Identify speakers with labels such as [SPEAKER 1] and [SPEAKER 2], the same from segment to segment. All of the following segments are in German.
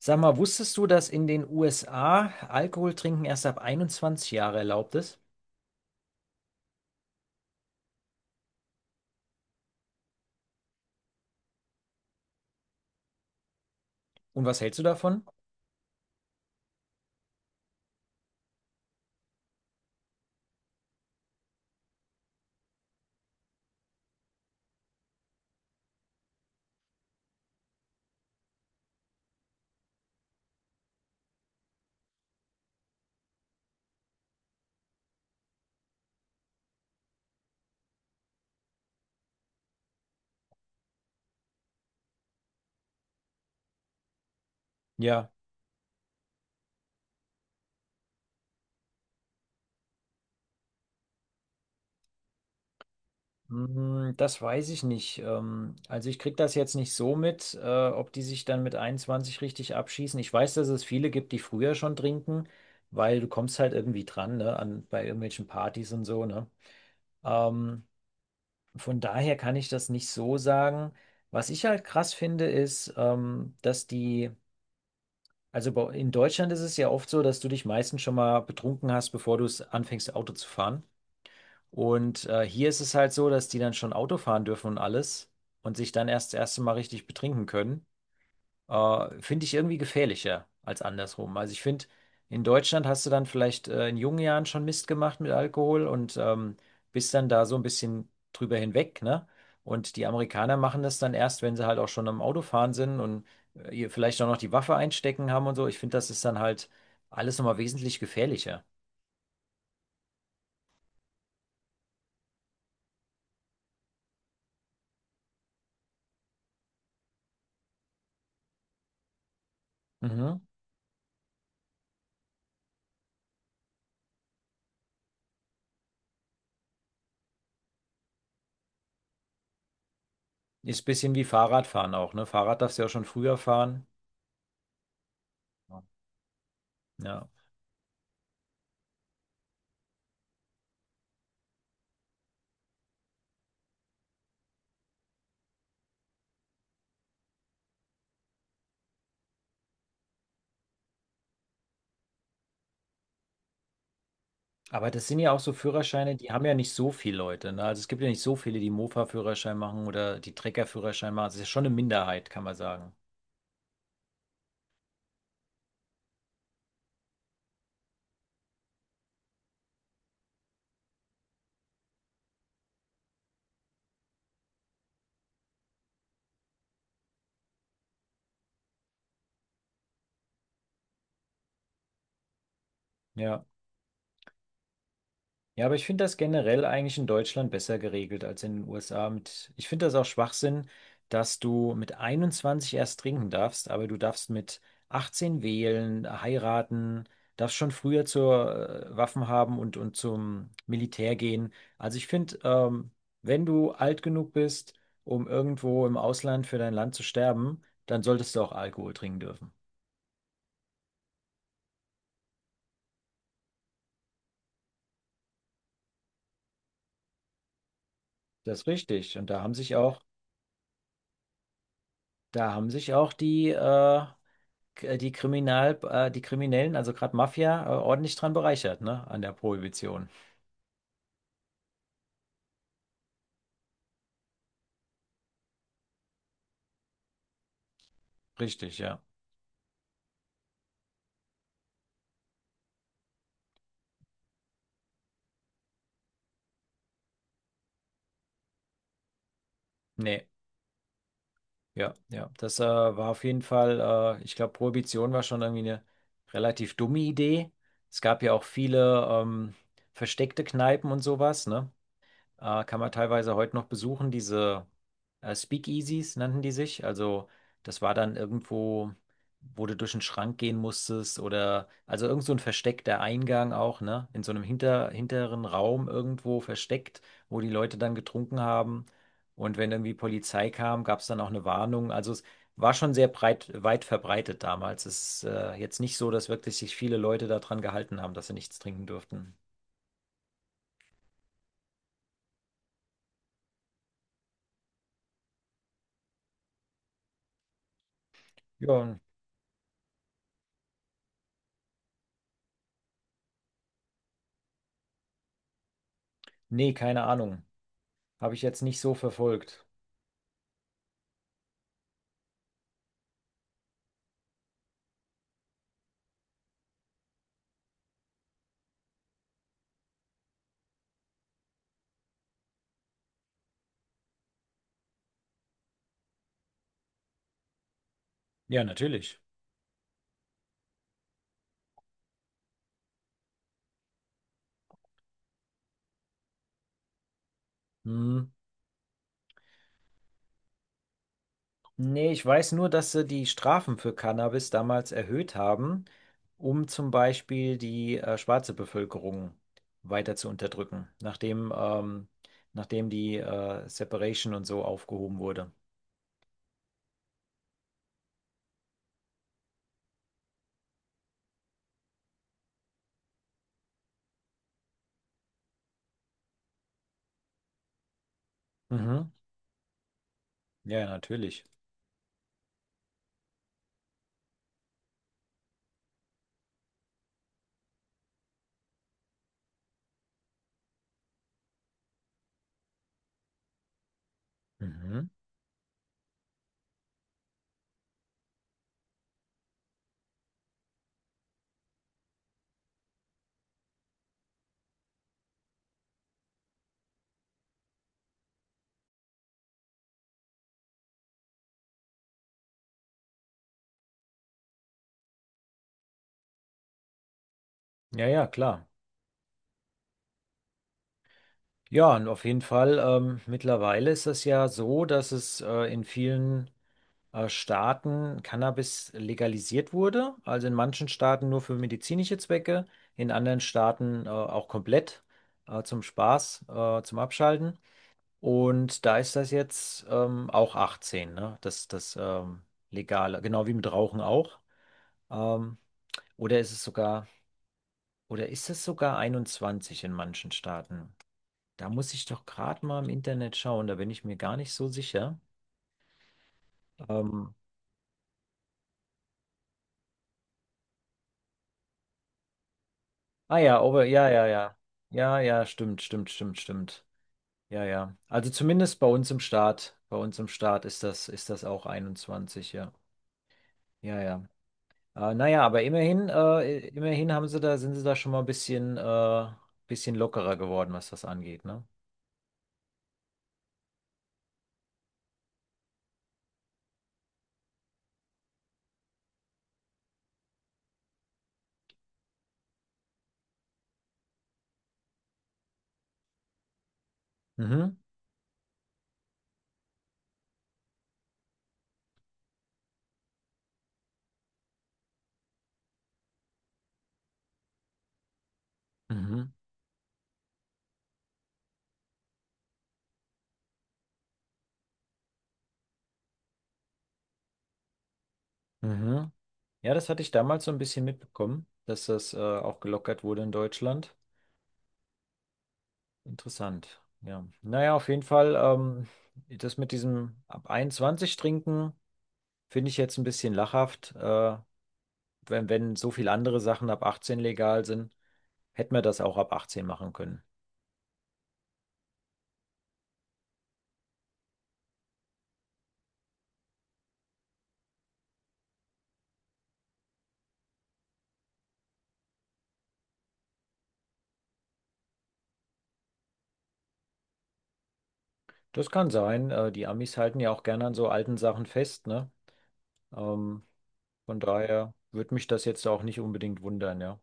[SPEAKER 1] Sag mal, wusstest du, dass in den USA Alkohol trinken erst ab 21 Jahre erlaubt ist? Und was hältst du davon? Ja, das weiß ich nicht. Also ich krieg das jetzt nicht so mit, ob die sich dann mit 21 richtig abschießen. Ich weiß, dass es viele gibt, die früher schon trinken, weil du kommst halt irgendwie dran, ne, an, bei irgendwelchen Partys und so, ne? Ähm, von daher kann ich das nicht so sagen. Was ich halt krass finde, ist, dass die Also bei, in Deutschland ist es ja oft so, dass du dich meistens schon mal betrunken hast, bevor du es anfängst, Auto zu fahren. Und hier ist es halt so, dass die dann schon Auto fahren dürfen und alles und sich dann erst das erste Mal richtig betrinken können. Finde ich irgendwie gefährlicher als andersrum. Also ich finde, in Deutschland hast du dann vielleicht in jungen Jahren schon Mist gemacht mit Alkohol und bist dann da so ein bisschen drüber hinweg, ne? Und die Amerikaner machen das dann erst, wenn sie halt auch schon am Autofahren sind und ihr vielleicht auch noch die Waffe einstecken haben und so. Ich finde, das ist dann halt alles nochmal wesentlich gefährlicher. Mhm. Ist ein bisschen wie Fahrradfahren auch, ne? Fahrrad darfst du ja auch schon früher fahren. Ja. Aber das sind ja auch so Führerscheine, die haben ja nicht so viele Leute. Ne? Also es gibt ja nicht so viele, die Mofa-Führerschein machen oder die Trecker-Führerschein machen. Das ist ja schon eine Minderheit, kann man sagen. Ja. Ja, aber ich finde das generell eigentlich in Deutschland besser geregelt als in den USA. Mit, ich finde das auch Schwachsinn, dass du mit 21 erst trinken darfst, aber du darfst mit 18 wählen, heiraten, darfst schon früher zur Waffen haben und zum Militär gehen. Also ich finde, wenn du alt genug bist, um irgendwo im Ausland für dein Land zu sterben, dann solltest du auch Alkohol trinken dürfen. Das ist richtig. Und da haben sich auch die die Kriminellen, also gerade Mafia, ordentlich dran bereichert, ne? An der Prohibition. Richtig, ja. Nee, ja, ja. Das war auf jeden Fall, ich glaube, Prohibition war schon irgendwie eine relativ dumme Idee. Es gab ja auch viele versteckte Kneipen und sowas, ne? Kann man teilweise heute noch besuchen. Diese Speakeasies nannten die sich. Also das war dann irgendwo, wo du durch einen Schrank gehen musstest oder also irgend so ein versteckter Eingang auch, ne? In so einem hinteren Raum irgendwo versteckt, wo die Leute dann getrunken haben. Und wenn irgendwie Polizei kam, gab es dann auch eine Warnung. Also es war schon sehr weit verbreitet damals. Es ist jetzt nicht so, dass wirklich sich viele Leute daran gehalten haben, dass sie nichts trinken durften. Ja, nee, keine Ahnung. Habe ich jetzt nicht so verfolgt. Ja, natürlich. Hm. Nee, ich weiß nur, dass sie die Strafen für Cannabis damals erhöht haben, um zum Beispiel die schwarze Bevölkerung weiter zu unterdrücken, nachdem die Separation und so aufgehoben wurde. Mhm. Ja, ja, natürlich. Mhm. Ja, ja, klar. Ja, und auf jeden Fall, mittlerweile ist es ja so, dass es in vielen Staaten Cannabis legalisiert wurde. Also in manchen Staaten nur für medizinische Zwecke, in anderen Staaten auch komplett zum Spaß, zum Abschalten. Und da ist das jetzt auch 18, ne? Das Legale, genau wie mit Rauchen auch. Ähm, oder ist es sogar, oder ist es sogar 21 in manchen Staaten? Da muss ich doch gerade mal im Internet schauen, da bin ich mir gar nicht so sicher. Ähm, Ah ja, Over, ja, ja, ja. Ja, ja, stimmt, stimmt, stimmt, stimmt. Ja, ja. Also zumindest bei uns im Staat ist das auch 21. Ja. Ja, ja. Naja, aber immerhin haben sind sie da schon mal ein bisschen lockerer geworden, was das angeht, ne? Mhm. Mhm. Mhm. Ja, das hatte ich damals so ein bisschen mitbekommen, dass das, auch gelockert wurde in Deutschland. Interessant. Ja. Naja, auf jeden Fall, das mit diesem ab 21 trinken. Finde ich jetzt ein bisschen lachhaft. Wenn so viele andere Sachen ab 18 legal sind, hätten wir das auch ab 18 machen können. Das kann sein. Die Amis halten ja auch gerne an so alten Sachen fest, ne? Ähm, von daher würde mich das jetzt auch nicht unbedingt wundern, ja.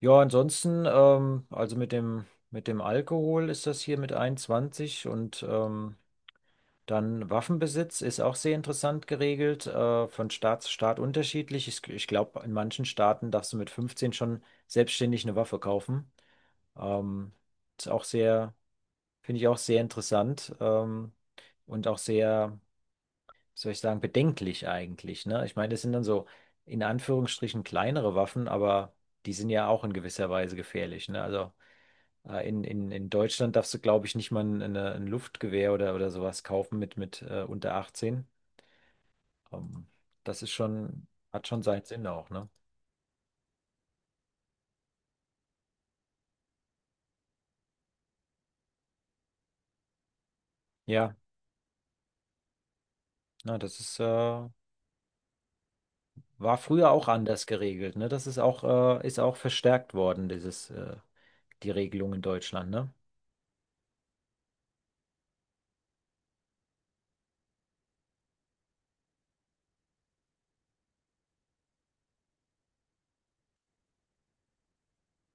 [SPEAKER 1] Ja, ansonsten, also mit dem, Alkohol ist das hier mit 21 und dann Waffenbesitz ist auch sehr interessant geregelt, von Staat zu Staat unterschiedlich. Ich glaube, in manchen Staaten darfst du mit 15 schon selbstständig eine Waffe kaufen. Ähm, ist auch sehr, finde ich auch sehr interessant, und auch sehr, wie soll ich sagen, bedenklich eigentlich, ne? Ich meine, das sind dann so in Anführungsstrichen kleinere Waffen, aber die sind ja auch in gewisser Weise gefährlich, ne? Also in Deutschland darfst du, glaube ich, nicht mal ein Luftgewehr oder sowas kaufen mit unter 18. Ähm, das ist schon, hat schon seinen Sinn auch, ne? Ja, na, war früher auch anders geregelt, ne? Das ist auch verstärkt worden, die Regelung in Deutschland, ne?